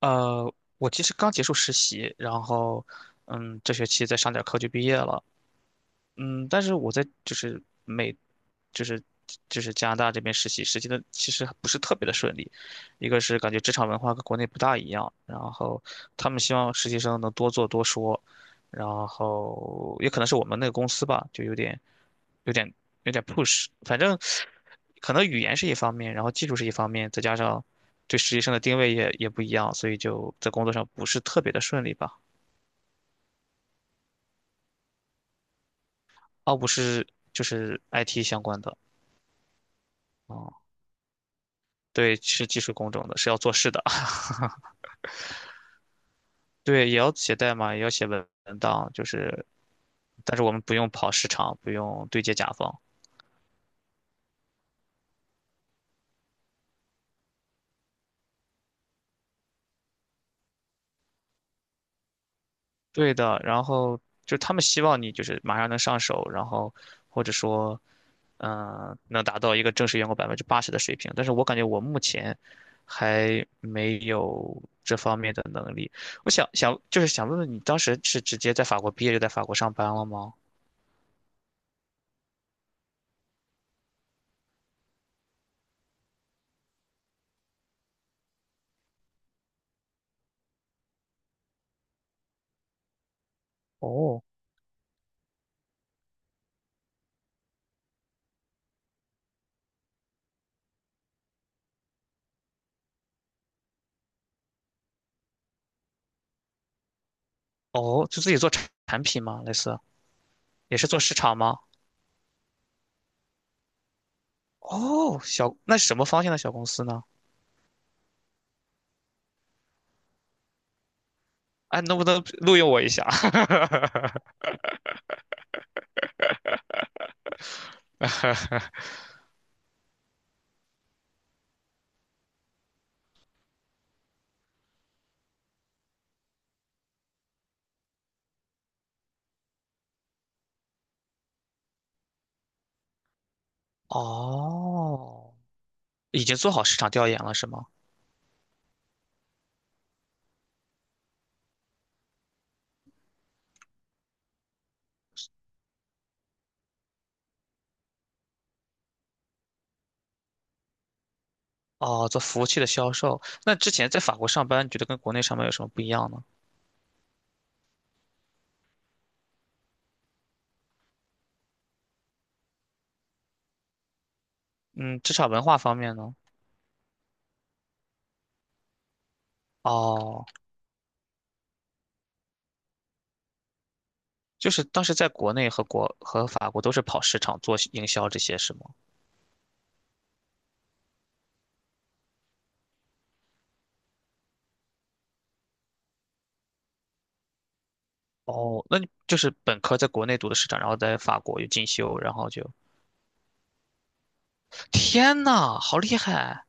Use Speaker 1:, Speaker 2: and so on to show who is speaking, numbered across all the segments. Speaker 1: 呃，我其实刚结束实习，然后，这学期再上点课就毕业了。但是我在就是美，就是就是加拿大这边实习，实习的其实不是特别的顺利。一个是感觉职场文化跟国内不大一样，然后他们希望实习生能多做多说，然后也可能是我们那个公司吧，就有点有点 push,反正可能语言是一方面，然后技术是一方面，再加上对实习生的定位也不一样，所以就在工作上不是特别的顺利吧。奥布是就是 IT 相关的，哦，对，是技术工种的，是要做事的，对，也要写代码，也要写文档，就是，但是我们不用跑市场，不用对接甲方，对的，然后就他们希望你就是马上能上手，然后或者说，能达到一个正式员工80%的水平。但是我感觉我目前还没有这方面的能力。我想想，就是想问问你，当时是直接在法国毕业就在法国上班了吗？哦哦，就自己做产品吗？类似也是做市场吗？哦，小，那是什么方向的小公司呢？哎，能不能录用我一下？哦。已经做好市场调研了，是吗？哦，做服务器的销售。那之前在法国上班，你觉得跟国内上班有什么不一样呢？嗯，职场文化方面呢？哦，就是当时在国内和法国都是跑市场做营销这些是吗？哦，那你就是本科在国内读的市场，然后在法国又进修，然后就，天呐，好厉害！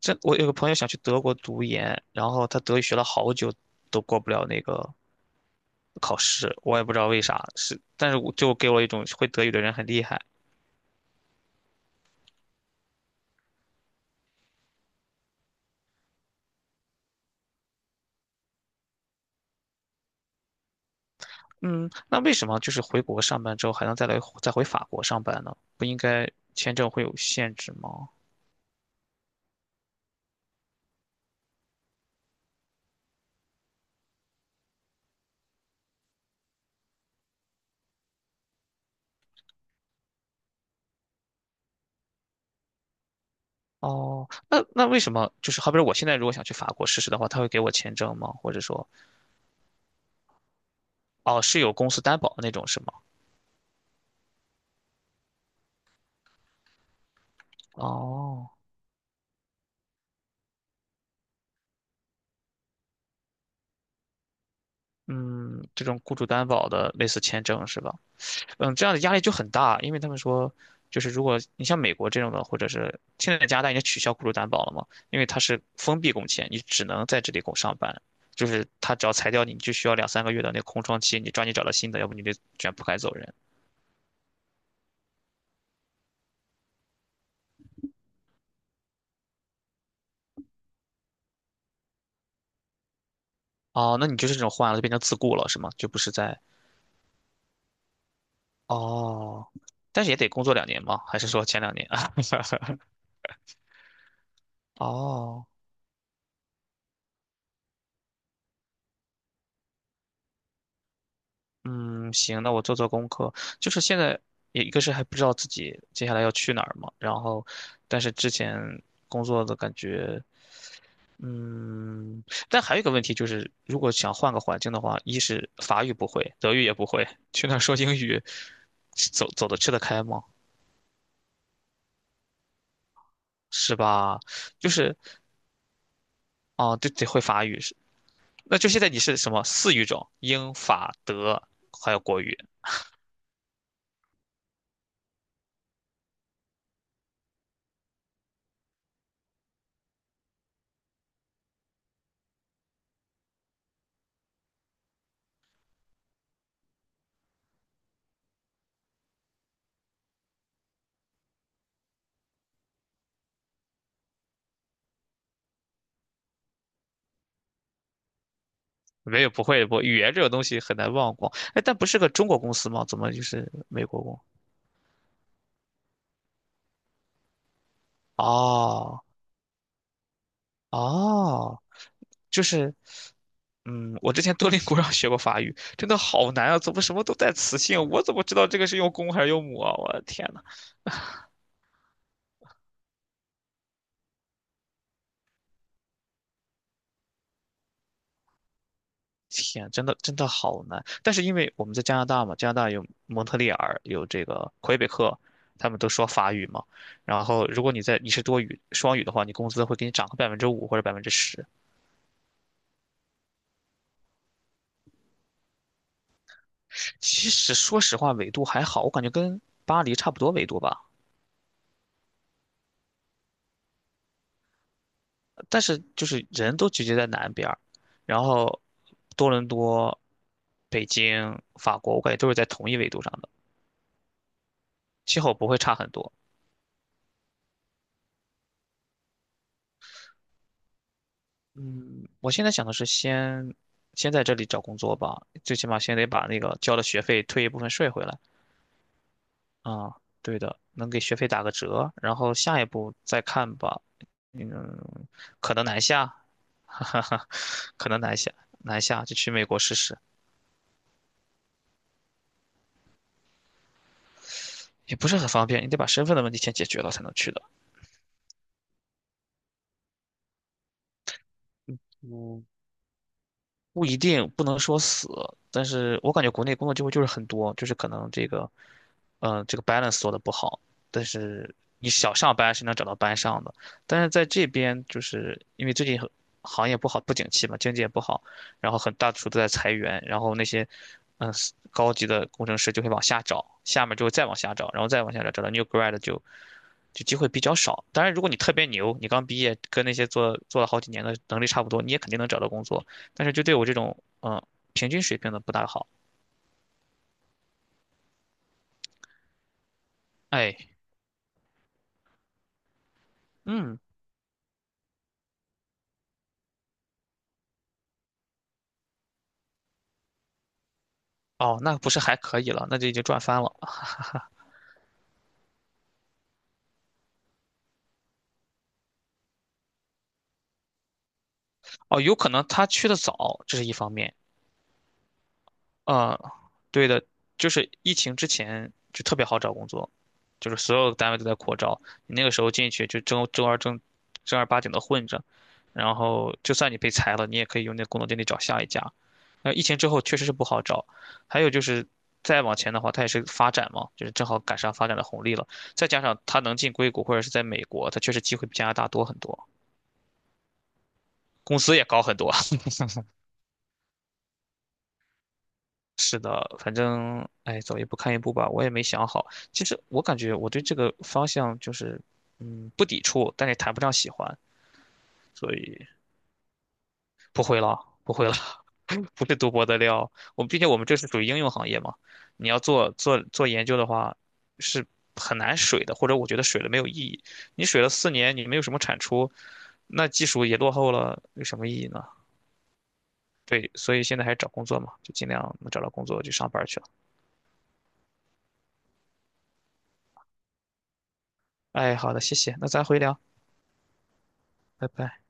Speaker 1: 这我有个朋友想去德国读研，然后他德语学了好久都过不了那个考试，我也不知道为啥，是，但是我就给我一种会德语的人很厉害。嗯，那为什么就是回国上班之后还能再来再回法国上班呢？不应该签证会有限制吗？哦，那为什么就是好比说我现在如果想去法国试试的话，他会给我签证吗？或者说，哦，是有公司担保的那种是吗？哦，嗯，这种雇主担保的类似签证是吧？嗯，这样的压力就很大，因为他们说，就是如果你像美国这种的，或者是现在加拿大已经取消雇主担保了嘛，因为它是封闭工签，你只能在这里上班，就是他只要裁掉你，你就需要两三个月的那个空窗期，你抓紧找到新的，要不你得卷铺盖走人。哦，那你就是这种换了，就变成自雇了是吗？就不是在哦，但是也得工作两年吗？还是说前两年？哦，嗯，行，那我做做功课。就是现在也一个是还不知道自己接下来要去哪儿嘛，然后，但是之前工作的感觉，嗯，但还有一个问题就是，如果想换个环境的话，一是法语不会，德语也不会，去那儿说英语，走走得吃得开吗？是吧？就是啊，对，得会法语是。那就现在你是什么四语种？英法德还有国语。没有，不会，不，语言这个东西很难忘光。哎，但不是个中国公司吗？怎么就是美国公？哦哦，就是，嗯，我之前多邻国上学过法语，真的好难啊！怎么什么都带词性？我怎么知道这个是用公还是用母啊？我的天呐，天，真的真的好难。但是因为我们在加拿大嘛，加拿大有蒙特利尔，有这个魁北克，他们都说法语嘛。然后如果你是多语双语的话，你工资会给你涨个5%或者10%。其实说实话，纬度还好，我感觉跟巴黎差不多纬度吧。但是就是人都聚集在南边儿然后多伦多、北京、法国，我感觉都是在同一纬度上的，气候不会差很多。嗯，我现在想的是先在这里找工作吧，最起码先得把那个交的学费退一部分税回来。啊，对的，能给学费打个折，然后下一步再看吧。嗯，可能南下，哈哈可能南下，南下就去美国试试，也不是很方便，你得把身份的问题先解决了才能去的。嗯。不一定不能说死，但是我感觉国内工作机会就是很多，就是可能这个，嗯，这个 balance 做的不好，但是你想上班是能找到班上的，但是在这边就是因为最近很行业不好，不景气嘛，经济也不好，然后很大程度在裁员，然后那些，嗯、高级的工程师就会往下找，下面就会再往下找，然后再往下找，找到 new grad 就机会比较少。当然，如果你特别牛，你刚毕业，跟那些做了好几年的能力差不多，你也肯定能找到工作。但是就对我这种平均水平的不大好。哎，嗯，哦，那不是还可以了，那就已经赚翻了。哦，有可能他去的早，这是一方面；啊、对的，就是疫情之前就特别好找工作，就是所有的单位都在扩招，你那个时候进去就正儿八经的混着，然后就算你被裁了，你也可以用那工作经历找下一家。那疫情之后确实是不好找，还有就是再往前的话，它也是发展嘛，就是正好赶上发展的红利了，再加上它能进硅谷或者是在美国，它确实机会比加拿大多很多，工资也高很多。是的，反正哎，走一步看一步吧，我也没想好。其实我感觉我对这个方向就是，嗯，不抵触，但也谈不上喜欢，所以不会了，不会了，不是读博的料。我们毕竟我们这是属于应用行业嘛，你要做研究的话，是很难水的，或者我觉得水了没有意义。你水了4年，你没有什么产出，那技术也落后了，有什么意义呢？对，所以现在还是找工作嘛，就尽量能找到工作就上班去了。哎，好的，谢谢，那咱回聊。拜拜。